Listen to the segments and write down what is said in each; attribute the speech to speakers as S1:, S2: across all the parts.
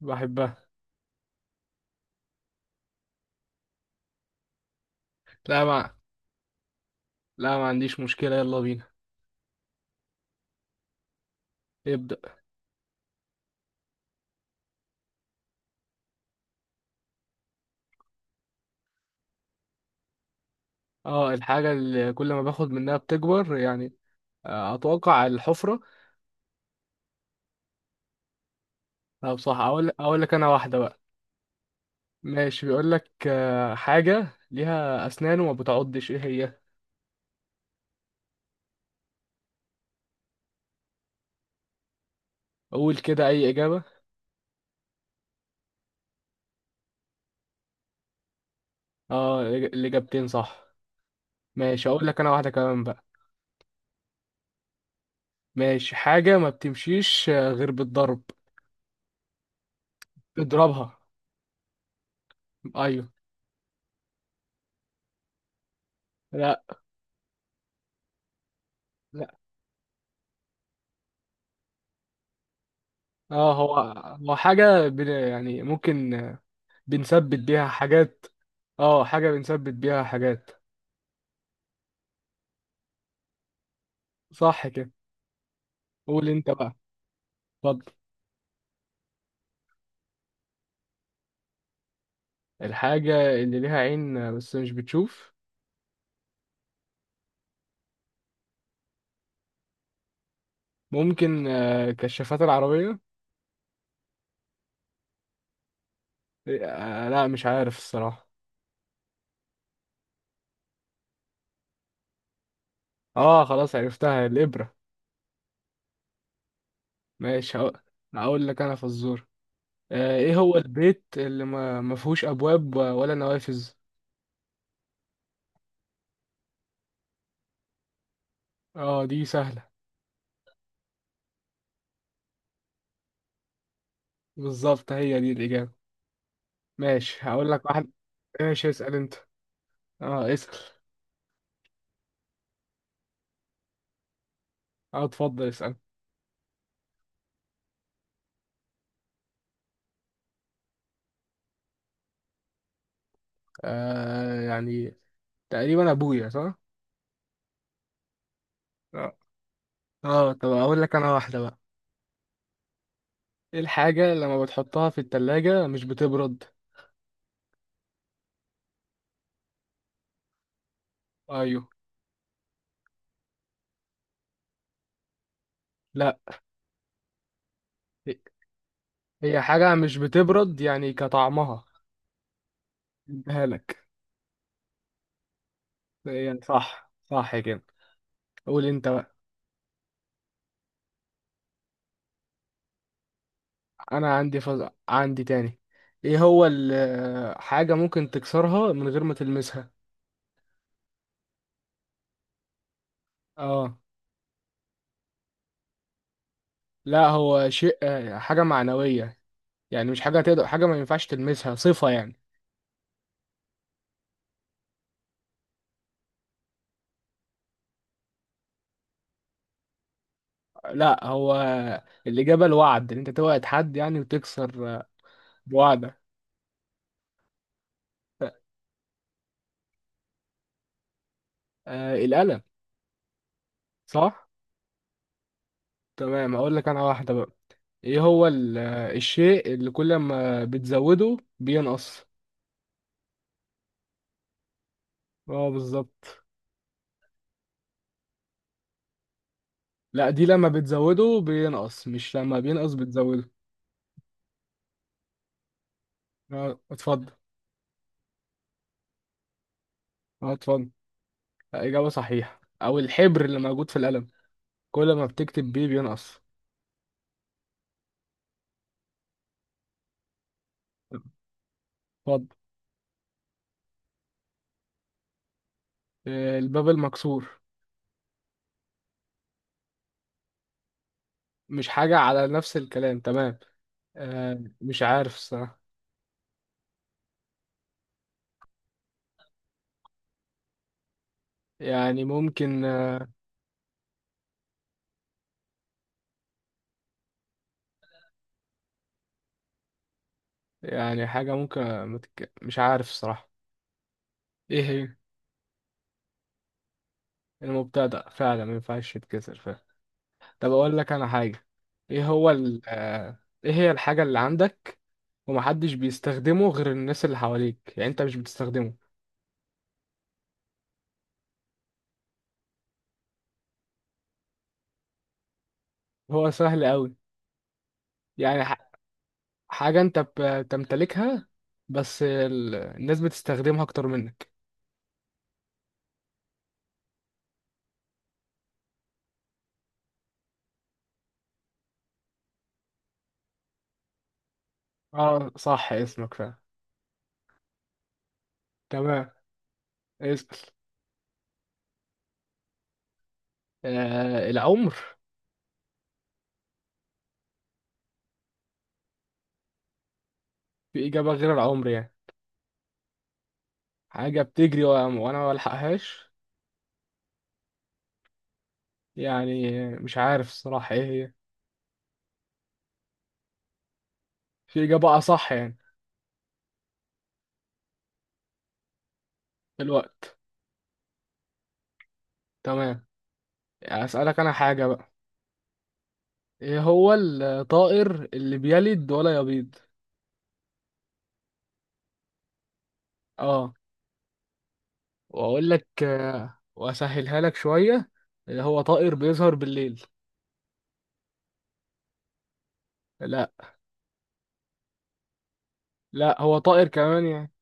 S1: بحبها. لا ما لا ما عنديش مشكلة، يلا بينا. ابدأ. اه، الحاجة اللي كل ما باخد منها بتكبر يعني. اتوقع الحفرة. لا، بصح اقول لك انا واحدة بقى. ماشي، بيقول لك حاجة ليها اسنان وما بتعضش، ايه هي؟ قول كده اي اجابة. اه، الاجابتين صح. ماشي، اقول لك انا واحدة كمان بقى. ماشي، حاجة ما بتمشيش غير بالضرب. اضربها. ايوه. لا. لا. اه هو. هو حاجة يعني ممكن بنثبت بيها حاجات. اه، حاجة بنثبت بيها حاجات. صح كده. قول انت بقى. اتفضل. الحاجة اللي ليها عين بس مش بتشوف. ممكن كشافات العربية. لا، مش عارف الصراحة. اه خلاص، عرفتها، الإبرة. ماشي، هقول لك انا فزور. ايه هو البيت اللي ما فيهوش ابواب ولا نوافذ؟ اه دي سهلة. بالظبط، هي دي الإجابة. ماشي هقول لك واحد. ماشي اسأل انت. اه اسأل. اه اتفضل اسأل. يعني تقريبا ابويا صح. اه اه، طب اقول لك انا واحده بقى. ايه الحاجه لما بتحطها في التلاجة مش بتبرد؟ ايوه. لا. هي حاجه مش بتبرد يعني كطعمها. اديها لك. يعني صح صح كده. قول انت بقى. انا عندي عندي تاني. ايه هو ال... حاجه ممكن تكسرها من غير ما تلمسها. اه. لا، هو شيء، حاجه معنويه. يعني مش حاجه تقدر، حاجه ما ينفعش تلمسها، صفه يعني. لا هو الإجابة الوعد، إن أنت توعد حد يعني وتكسر. بوعدك. القلم. صح؟ تمام، هقول لك أنا واحدة بقى. إيه هو الشيء اللي كل ما بتزوده بينقص؟ اه بالظبط. لا، دي لما بتزوده بينقص، مش لما بينقص بتزوده. اه اتفضل. اه اتفضل. إجابة صحيحة، أو الحبر اللي موجود في القلم. كل ما بتكتب بيه بينقص. اتفضل. الباب المكسور. مش حاجة على نفس الكلام تمام. مش عارف الصراحة. يعني ممكن. يعني حاجة ممكن. مش عارف الصراحة. ايه هي؟ المبتدأ فعلا ما ينفعش يتكسر فعلا. طب اقول لك انا حاجة. ايه هو ال... آه، ايه هي الحاجة اللي عندك ومحدش بيستخدمه غير الناس اللي حواليك يعني انت مش بتستخدمه؟ هو سهل قوي. يعني حاجة انت بتمتلكها، بس الناس بتستخدمها اكتر منك. اه صح، اسمك فعلا. تمام. اسأل. العمر. في إجابة غير العمر يعني. حاجة بتجري وأنا ما بلحقهاش. يعني مش عارف الصراحة إيه هي. في إجابة أصح يعني. الوقت. تمام. أسألك أنا حاجة بقى. إيه هو الطائر اللي بيلد ولا يبيض؟ آه. وأقول لك وأسهلها لك شوية. اللي هو طائر بيظهر بالليل. لا. لا، هو طائر كمان يعني.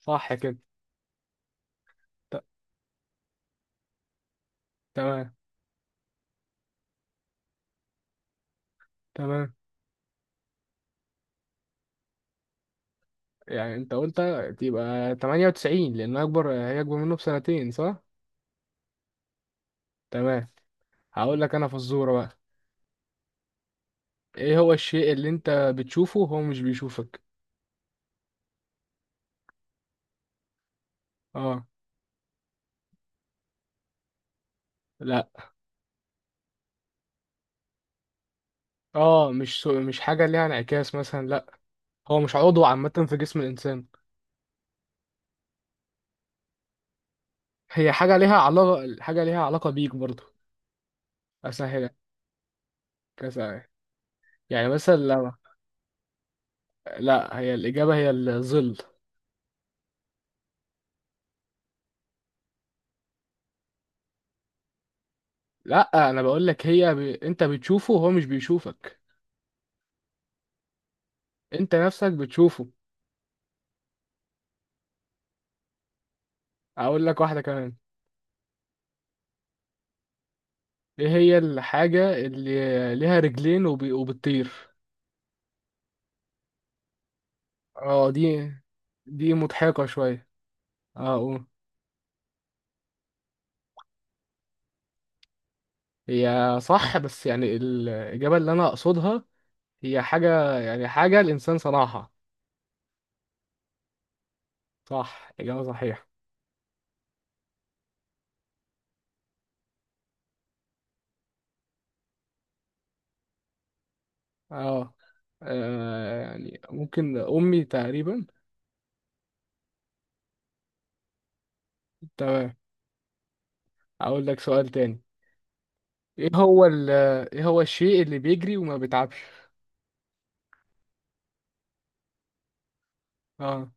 S1: صح كده. ت- تمام. تمام. يعني أنت قلت تبقى 98 لأن أكبر، هي أكبر منه بسنتين صح؟ تمام. هقول لك انا فزوره بقى. ايه هو الشيء اللي انت بتشوفه وهو مش بيشوفك؟ اه. لا. اه، مش حاجه ليها انعكاس مثلا، لا. هو مش عضو عامه في جسم الانسان. هي حاجه ليها علاقه، حاجه ليها علاقه بيك برضه. اسهلك. كذا. يعني مثلا لا، هي الاجابه هي الظل. لا، انا بقول لك هي انت بتشوفه وهو مش بيشوفك. انت نفسك بتشوفه. اقول لك واحده كمان. ايه هي الحاجه اللي ليها رجلين وبتطير؟ اه دي. دي مضحكة شوية. اه أقول. هي صح بس يعني الإجابة اللي أنا أقصدها هي حاجة، يعني حاجة الإنسان صنعها. صح، إجابة صحيحة. اه. يعني ممكن أمي تقريبا. تمام. أقول لك سؤال تاني. إيه هو ال إيه هو الشيء اللي بيجري وما بيتعبش؟ اه.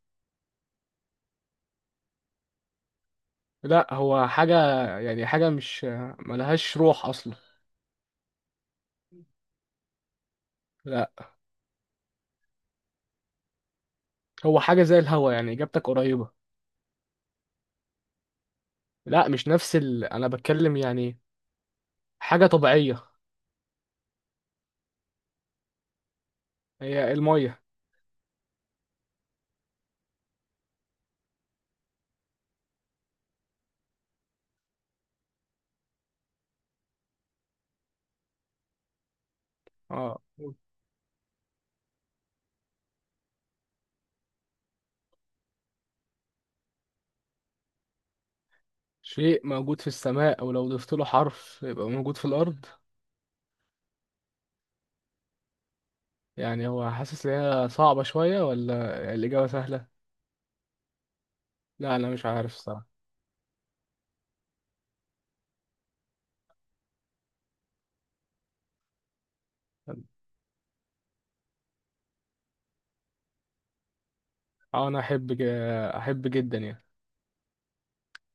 S1: لا، هو حاجة. يعني حاجة مش ملهاش روح أصلا. لا، هو حاجة زي الهوا يعني، إجابتك قريبة. لا، مش نفس أنا بتكلم يعني حاجة طبيعية. هي المية. اه، شيء موجود في السماء أو لو ضفت له حرف يبقى موجود في الأرض. يعني هو حاسس إن هي صعبة شوية ولا الإجابة سهلة؟ لا، أنا مش عارف الصراحة. أه، أنا أحب جدا يعني.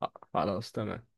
S1: خلاص تمام.